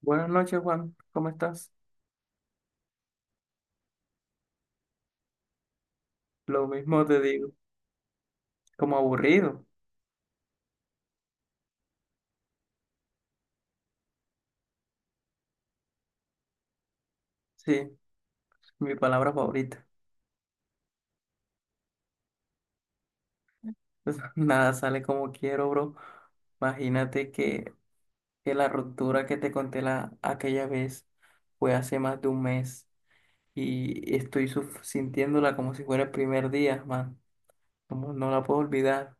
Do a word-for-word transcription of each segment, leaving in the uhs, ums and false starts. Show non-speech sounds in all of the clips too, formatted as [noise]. Buenas noches, Juan. ¿Cómo estás? Lo mismo te digo. Como aburrido. Sí, mi palabra favorita. [laughs] Nada sale como quiero, bro. Imagínate que, que la ruptura que te conté la, aquella vez fue hace más de un mes y estoy suf- sintiéndola como si fuera el primer día, man. Como no la puedo olvidar.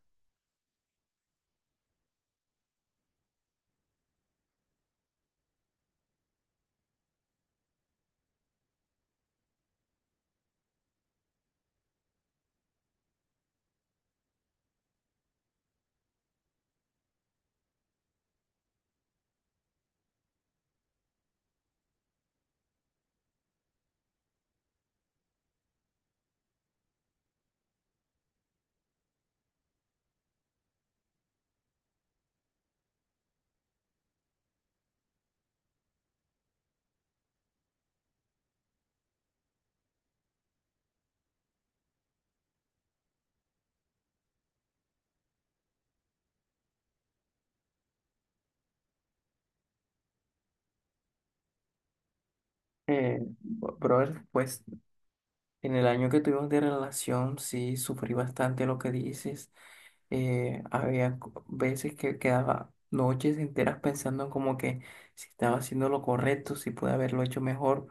Eh, bro, pues en el año que tuvimos de relación, sí, sufrí bastante lo que dices. Eh, había co- veces que quedaba noches enteras pensando como que si estaba haciendo lo correcto, si pude haberlo hecho mejor,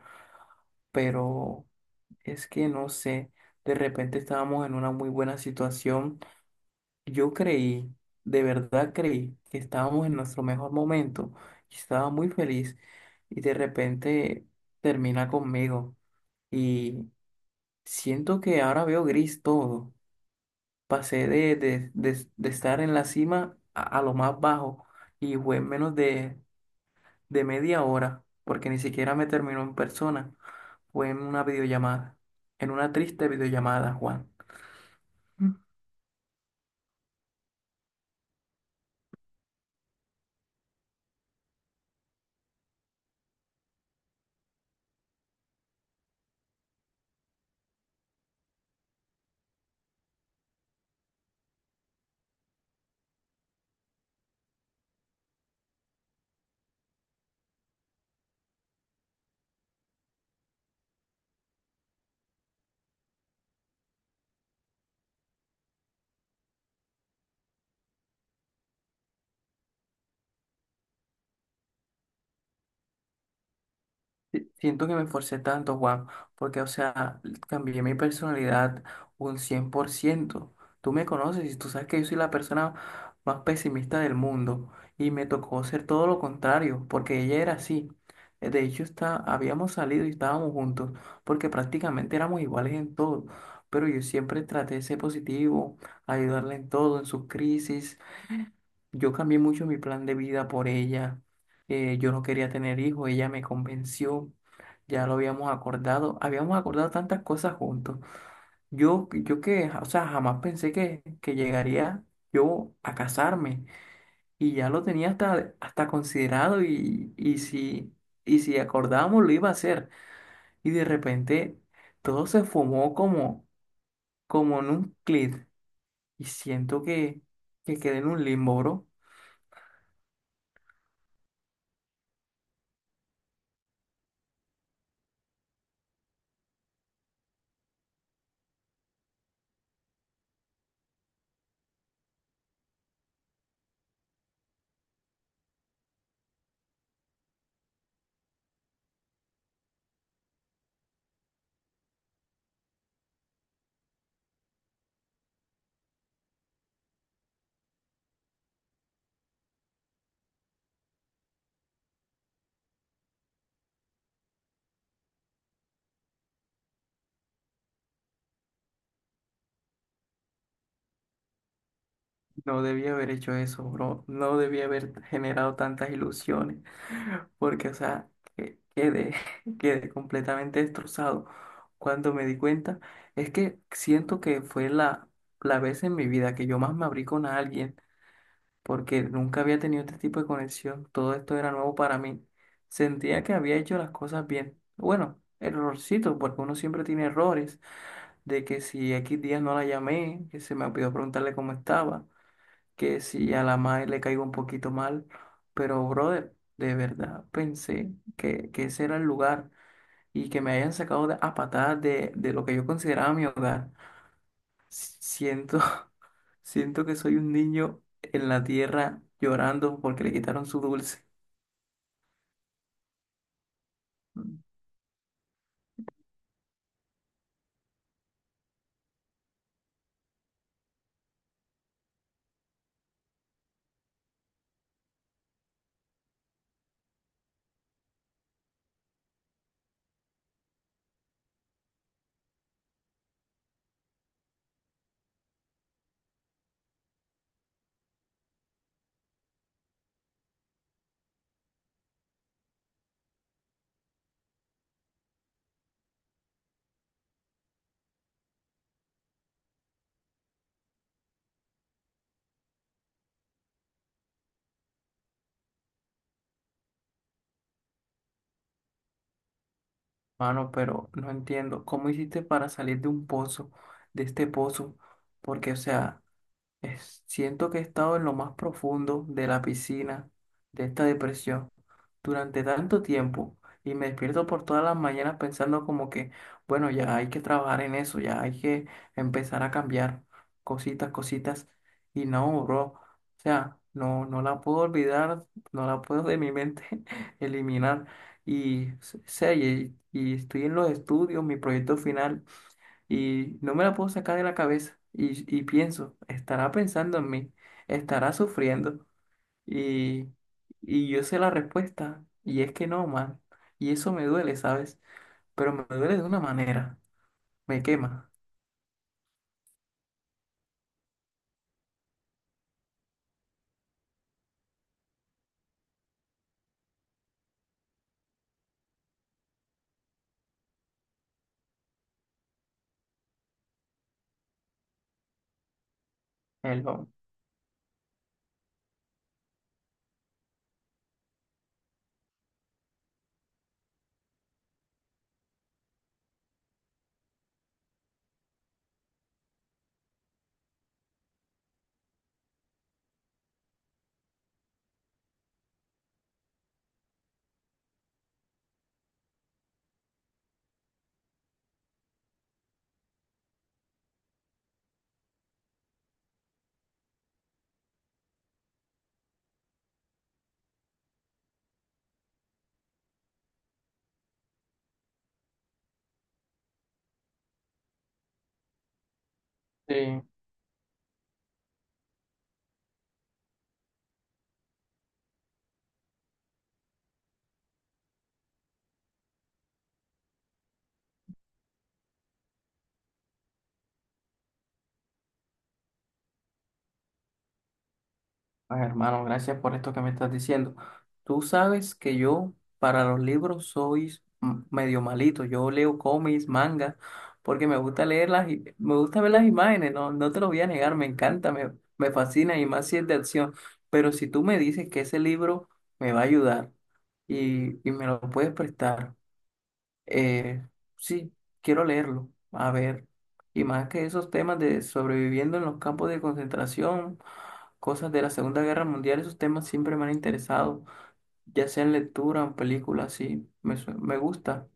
pero es que no sé, de repente estábamos en una muy buena situación. Yo creí, de verdad creí, que estábamos en nuestro mejor momento y estaba muy feliz y de repente termina conmigo y siento que ahora veo gris todo. Pasé de, de, de- de estar en la cima a, a lo más bajo, y fue en menos de, de media hora, porque ni siquiera me terminó en persona, fue en una videollamada, en una triste videollamada, Juan. Si- Siento que me esforcé tanto, Juan, porque, o sea, cambié mi personalidad un cien por ciento. Tú me conoces y tú sabes que yo soy la persona más pesimista del mundo y me tocó ser todo lo contrario, porque ella era así. Eh, De hecho, está, habíamos salido y estábamos juntos, porque prácticamente éramos iguales en todo, pero yo siempre traté de ser positivo, ayudarla en todo, en sus crisis. Yo cambié mucho mi plan de vida por ella. Eh, yo no quería tener hijos, ella me convenció. Ya lo habíamos acordado. Habíamos acordado tantas cosas juntos. Yo, yo que, ja, o sea, jamás pensé que, que llegaría yo a casarme. Y ya lo tenía hasta, hasta considerado, y, y si, y si acordábamos lo iba a hacer. Y de repente todo se fumó como, como en un clic. Y siento que, que quedé en un limbo, bro. No debía haber hecho eso, bro. No debía haber generado tantas ilusiones, porque, o sea, que- quedé, [laughs] quedé completamente destrozado. Cuando me di cuenta, es que siento que fue la, la vez en mi vida que yo más me abrí con alguien, porque nunca había tenido este tipo de conexión. Todo esto era nuevo para mí. Sentía que había hecho las cosas bien. Bueno, errorcito, porque uno siempre tiene errores, de que si equis días no la llamé, que se me olvidó preguntarle cómo estaba, que si a la madre le caigo un poquito mal, pero brother, de verdad pensé que, que ese era el lugar, y que me hayan sacado de- a patadas de, de lo que yo consideraba mi hogar. Si- Siento, [laughs] siento que soy un niño en la tierra llorando porque le quitaron su dulce. Mm, Mano, pero no entiendo, ¿cómo hiciste para salir de un pozo, de este pozo? Porque, o sea... Es- siento que he estado en lo más profundo de la piscina de esta depresión durante tanto tiempo y me despierto por todas las mañanas pensando como que, bueno, ya hay que trabajar en eso, ya hay que empezar a cambiar cositas, cositas. Y no, bro, o sea, no, no la puedo olvidar, no la puedo de mi mente [laughs] eliminar. Y, sé, y, y estoy en los estudios, mi proyecto final, y no me la puedo sacar de la cabeza. Y, y pienso, estará pensando en mí, estará sufriendo y, y yo sé la respuesta y es que no, man. Y eso me duele, ¿sabes? Pero me duele de una manera, me quema el don. Ay, hermano, gracias por esto que me estás diciendo. Tú sabes que yo para los libros soy m- medio malito. Yo leo cómics, mangas, porque me gusta leer las, i- me gusta ver las imágenes, no, no te lo voy a negar, me encanta, me, me fascina, y más si es de acción. Pero si tú me dices que ese libro me va a ayudar y, y me lo puedes prestar. Eh, sí, quiero leerlo. A ver. Y más que esos temas de sobreviviendo en los campos de concentración, cosas de la Segunda Guerra Mundial, esos temas siempre me han interesado, ya sea en lectura o en película, sí, me, su- me gusta.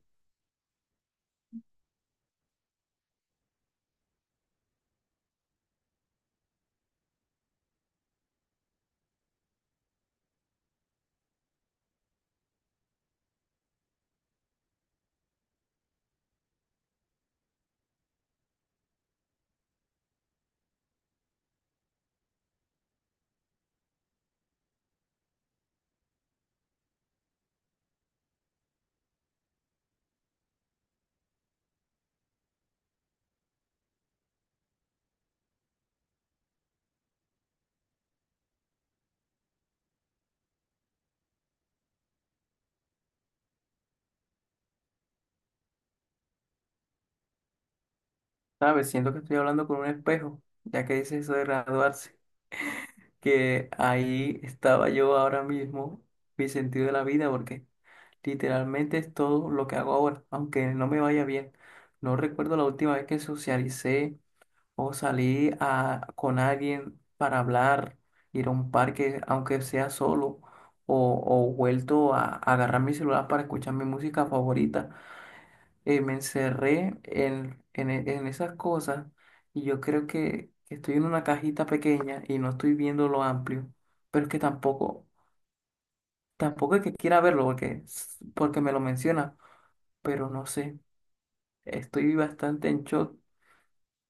¿Sabes? Siento que estoy hablando con un espejo, ya que dices eso de graduarse, que ahí estaba yo ahora mismo, mi sentido de la vida, porque literalmente es todo lo que hago ahora, aunque no me vaya bien. No recuerdo la última vez que socialicé, o salir a, con alguien para hablar, ir a un parque, aunque sea solo, o, o vuelto a, a agarrar mi celular para escuchar mi música favorita. Eh, me encerré en, en, e- en esas cosas, y yo creo que, que, estoy en una cajita pequeña y no estoy viendo lo amplio, pero es que tampoco, tampoco es que quiera verlo porque, s- porque me lo menciona, pero no sé, estoy bastante en shock.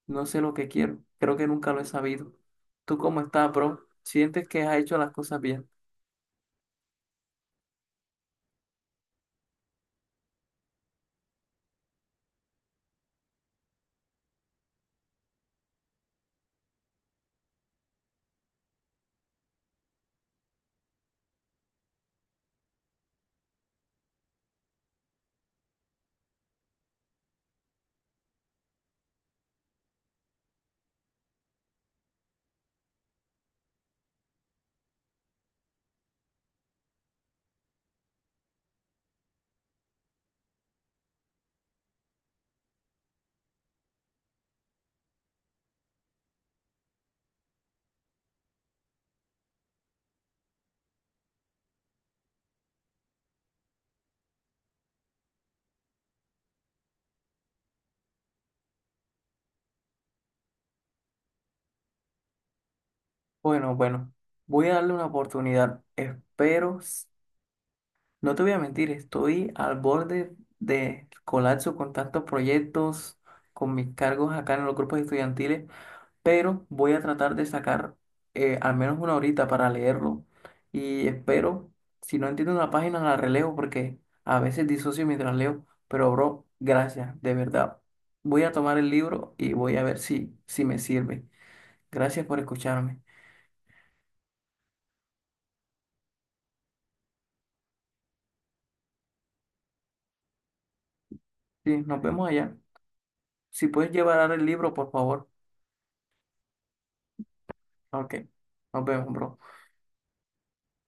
No sé lo que quiero. Creo que nunca lo he sabido. ¿Tú cómo estás, bro? ¿Sientes que has hecho las cosas bien? Bueno, bueno, voy a darle una oportunidad. Espero, s- no te voy a mentir, estoy al borde de colapso con tantos proyectos, con mis cargos acá en los grupos estudiantiles. Pero voy a tratar de sacar eh, al menos una horita para leerlo, y espero, si no entiendo una página, la releo porque a veces disocio mientras leo, pero bro, gracias, de verdad. Voy a tomar el libro y voy a ver si, si me sirve. Gracias por escucharme. Sí, nos vemos allá. Si puedes llevar el libro, por favor. OK, nos vemos, bro.